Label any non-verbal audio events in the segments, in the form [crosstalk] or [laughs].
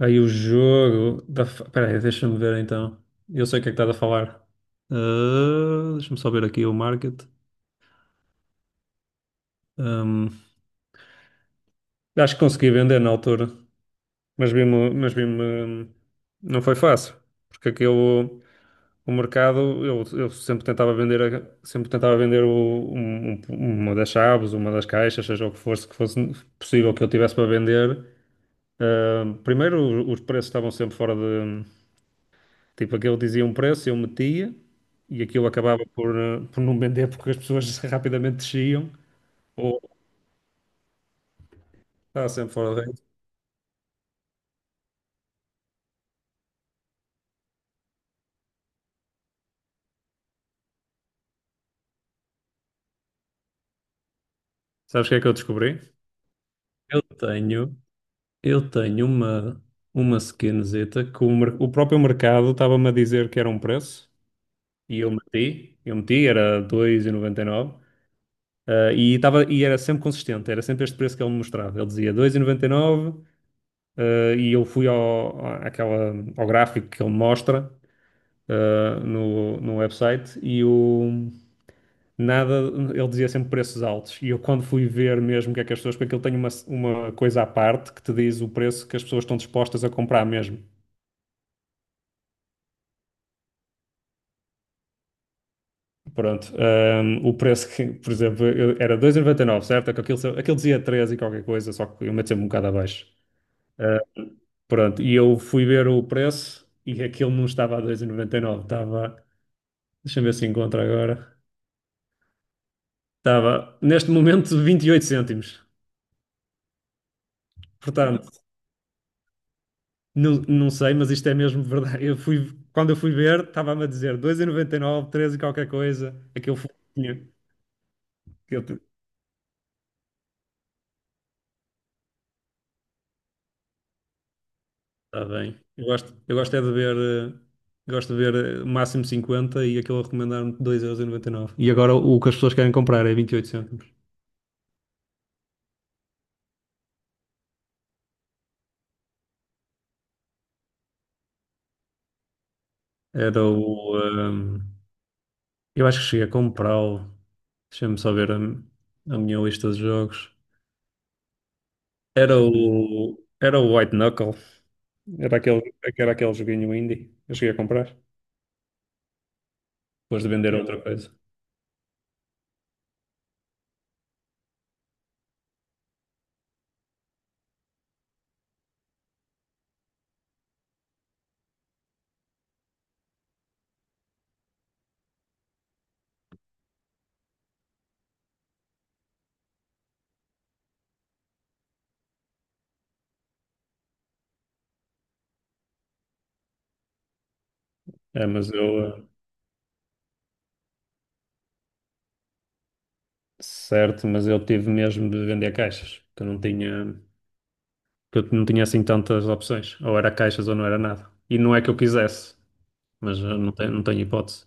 Aí o jogo da. Espera aí, deixa-me ver então. Eu sei o que é que estás a falar. Ah, deixa-me só ver aqui o market. Ahm, acho que consegui vender na altura, mas vi-me, não foi fácil, porque aquilo, o mercado, eu sempre tentava vender, sempre tentava vender uma das chaves, uma das caixas, seja o que fosse possível que eu tivesse para vender. Ah, primeiro, os preços estavam sempre fora de. Tipo, aquele dizia um preço, eu metia e aquilo acabava por, por não vender porque as pessoas [laughs] rapidamente desciam ou estava sempre fora de rede. Sabes o que é que eu descobri? Eu tenho, eu tenho uma skinzita que o, o próprio mercado estava-me a dizer que era um preço e eu meti, era 2,99, e era sempre consistente, era sempre este preço que ele me mostrava. Ele dizia 2,99, e nove, ah, e eu fui ao, àquela, ao gráfico que ele mostra, no website e o nada, ele dizia sempre preços altos. E eu, quando fui ver mesmo o que é que as pessoas, porque aquilo tem uma coisa à parte que te diz o preço que as pessoas estão dispostas a comprar mesmo. Pronto, o preço que, por exemplo, era 2,99, certo? É que aquilo dizia 3 e qualquer coisa, só que eu meto sempre um bocado abaixo. Ah, pronto, e eu fui ver o preço e aquilo não estava a 2,99, estava, deixa-me ver se encontro agora, estava neste momento 28 cêntimos. Portanto. Não, não sei, mas isto é mesmo verdade. Eu fui, quando eu fui ver, estava-me a dizer 2,99, 13 e nove, treze e qualquer coisa. Aquele fofinho que eu tenho. Está bem. Eu gosto é de ver, eh, gosto de ver, o máximo 50 e aquele a recomendar-me 2,99€. E noventa e nove. E agora o que as pessoas querem comprar é 28 cêntimos. Era o. Eu acho que cheguei a comprá-lo. Deixa-me só ver a minha lista de jogos. Era o White Knuckle. Era aquele, era aquele joguinho indie. Eu cheguei a comprar depois de vender outra coisa. É, mas eu, certo, mas eu tive mesmo de vender caixas, que eu não tinha assim tantas opções. Ou era caixas ou não era nada. E não é que eu quisesse, mas não tenho hipótese.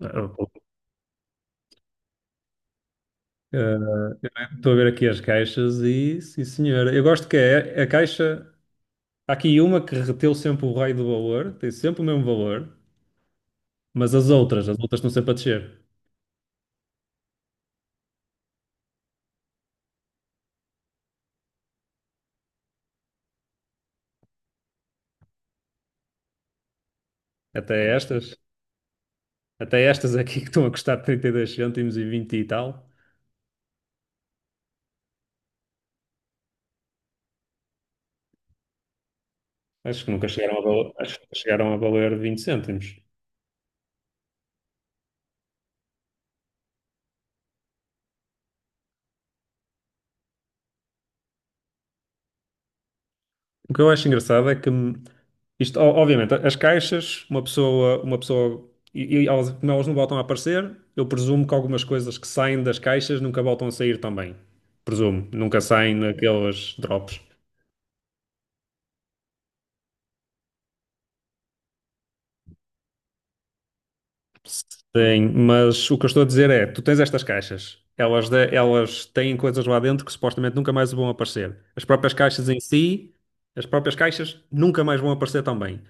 Eh, eh, Estou a ver aqui as caixas e, sim senhora, eu gosto que é a caixa. Há aqui uma que reteu sempre o raio do valor, tem sempre o mesmo valor, mas as outras estão sempre a descer. Até estas, até estas aqui que estão a custar 32 cêntimos e 20 e tal. Acho que nunca chegaram a valer, acho que nunca chegaram a valer 20 cêntimos. O que eu acho engraçado é que, isto, obviamente, as caixas, uma pessoa, e elas, como elas não voltam a aparecer, eu presumo que algumas coisas que saem das caixas nunca voltam a sair também. Presumo, nunca saem naqueles drops. Sim, mas o que eu estou a dizer é, tu tens estas caixas, elas, elas têm coisas lá dentro que supostamente nunca mais vão aparecer. As próprias caixas em si, as próprias caixas nunca mais vão aparecer também.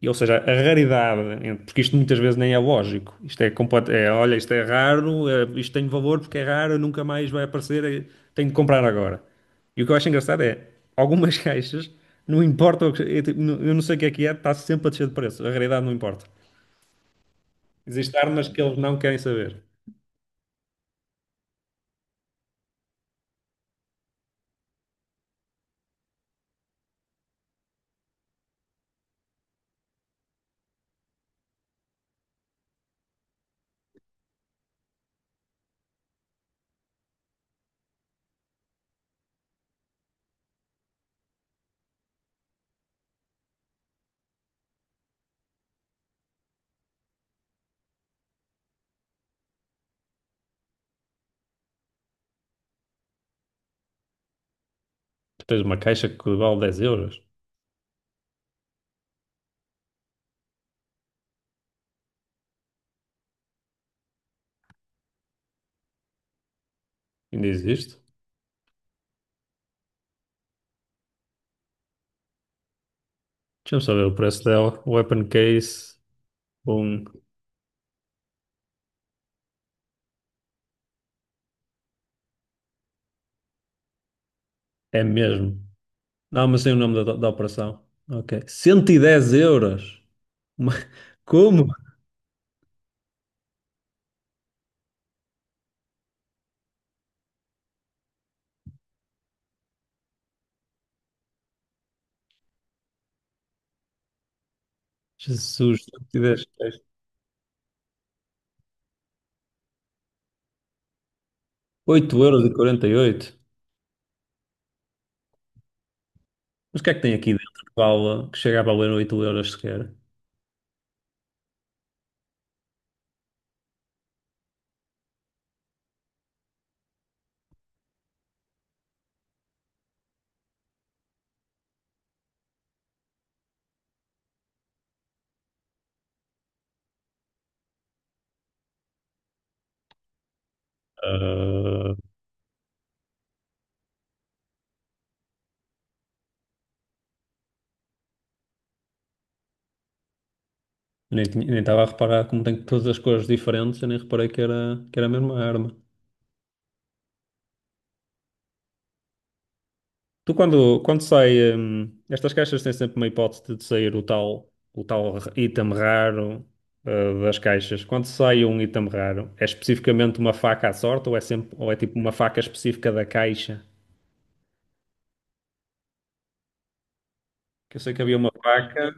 E, ou seja, a raridade, porque isto muitas vezes nem é lógico, isto é, olha, isto é raro, isto tem valor porque é raro, nunca mais vai aparecer, tenho de comprar agora. E o que eu acho engraçado é, algumas [laughs] caixas, não importa, o que- eu não sei o que é, está sempre a descer de preço, a raridade não importa. Existem armas que eles não querem saber. Tu tens uma caixa que vale 10 euros. Ainda existe? Deixa-me saber o preço dela. Weapon case. Bom, é mesmo. Não, mas sei o nome da operação. Ok. 110 euros. Uma. [laughs] Como? Jesus, 110. 8,48 euros. Mas o que é que tem aqui dentro que, vale, que chega a valer 8 euros sequer? Ah, nem estava a reparar como tem todas as cores diferentes. Eu nem reparei que era a mesma arma. Tu quando sai, estas caixas têm sempre uma hipótese de sair o tal item raro, das caixas. Quando sai um item raro, é especificamente uma faca à sorte ou é sempre, ou é tipo uma faca específica da caixa? Que eu sei que havia uma faca,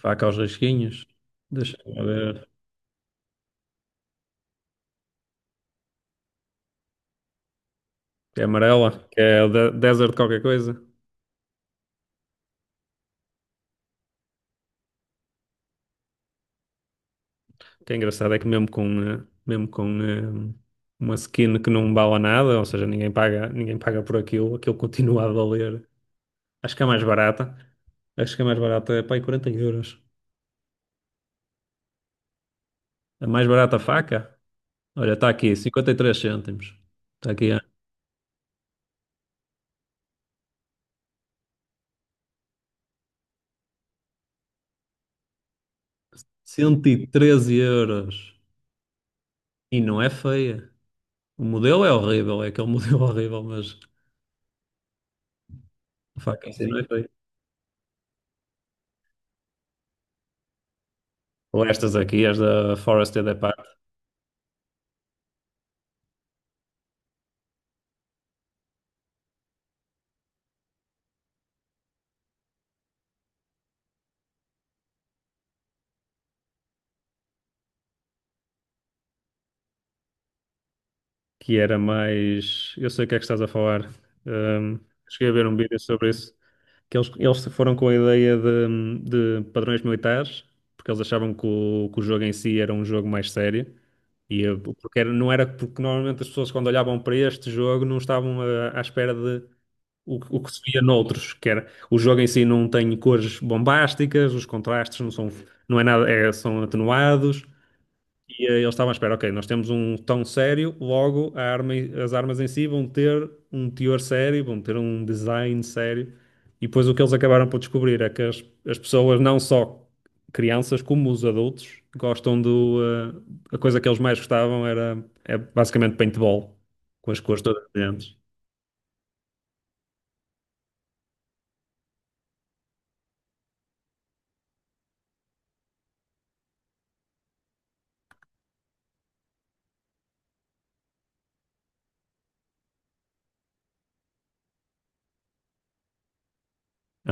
faca aos risquinhos, deixa-me ver, que é amarela, que é desert qualquer coisa. O que é engraçado é que mesmo com uma skin que não bala nada, ou seja, ninguém paga por aquilo, aquilo continua a valer. Acho que é mais barata. Acho que a mais barata é para aí 40 euros. A mais barata faca? Olha, está aqui, 53 cêntimos. Está aqui, ó. 113 euros. E não é feia. O modelo é horrível, é aquele modelo [laughs] horrível, mas a faca, sim, assim não é feia. Ou estas aqui, as da Forested. Epá, que era mais. Eu sei o que é que estás a falar. Ahm, cheguei a ver um vídeo sobre isso, que eles foram com a ideia de padrões militares, porque eles achavam que que o jogo em si era um jogo mais sério. E porque não era, porque normalmente as pessoas quando olhavam para este jogo não estavam, à espera de o que se via noutros, que era o jogo em si não tem cores bombásticas, os contrastes não são, não é nada, são atenuados, e eles estavam à espera, ok, nós temos um tom sério, logo a arma, as armas em si vão ter um teor sério, vão ter um design sério. E depois o que eles acabaram por descobrir é que as pessoas, não só crianças, como os adultos, gostam do. A coisa que eles mais gostavam era é basicamente paintball, com as cores todas brilhantes.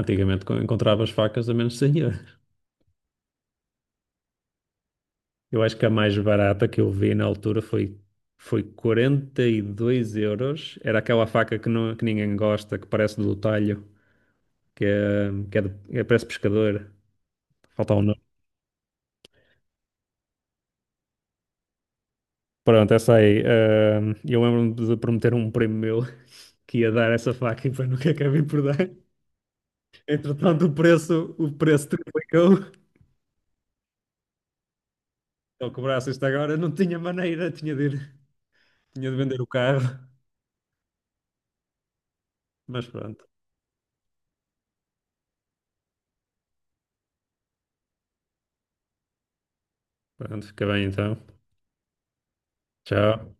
Antigamente encontravas facas a menos de 100 euros. Eu acho que a mais barata que eu vi na altura foi, 42 euros. Era aquela faca que, não, que ninguém gosta, que parece do talho, que é, de, é- parece pescador. Falta um nome. Pronto, essa aí. Ah, eu lembro-me de prometer a um primo meu [laughs] que ia dar essa faca e depois nunca acabei por dar. Entretanto, o preço triplicou. Se ele cobrasse isto agora, não tinha maneira, tinha de vender o carro. Mas pronto, fica bem então. Tchau.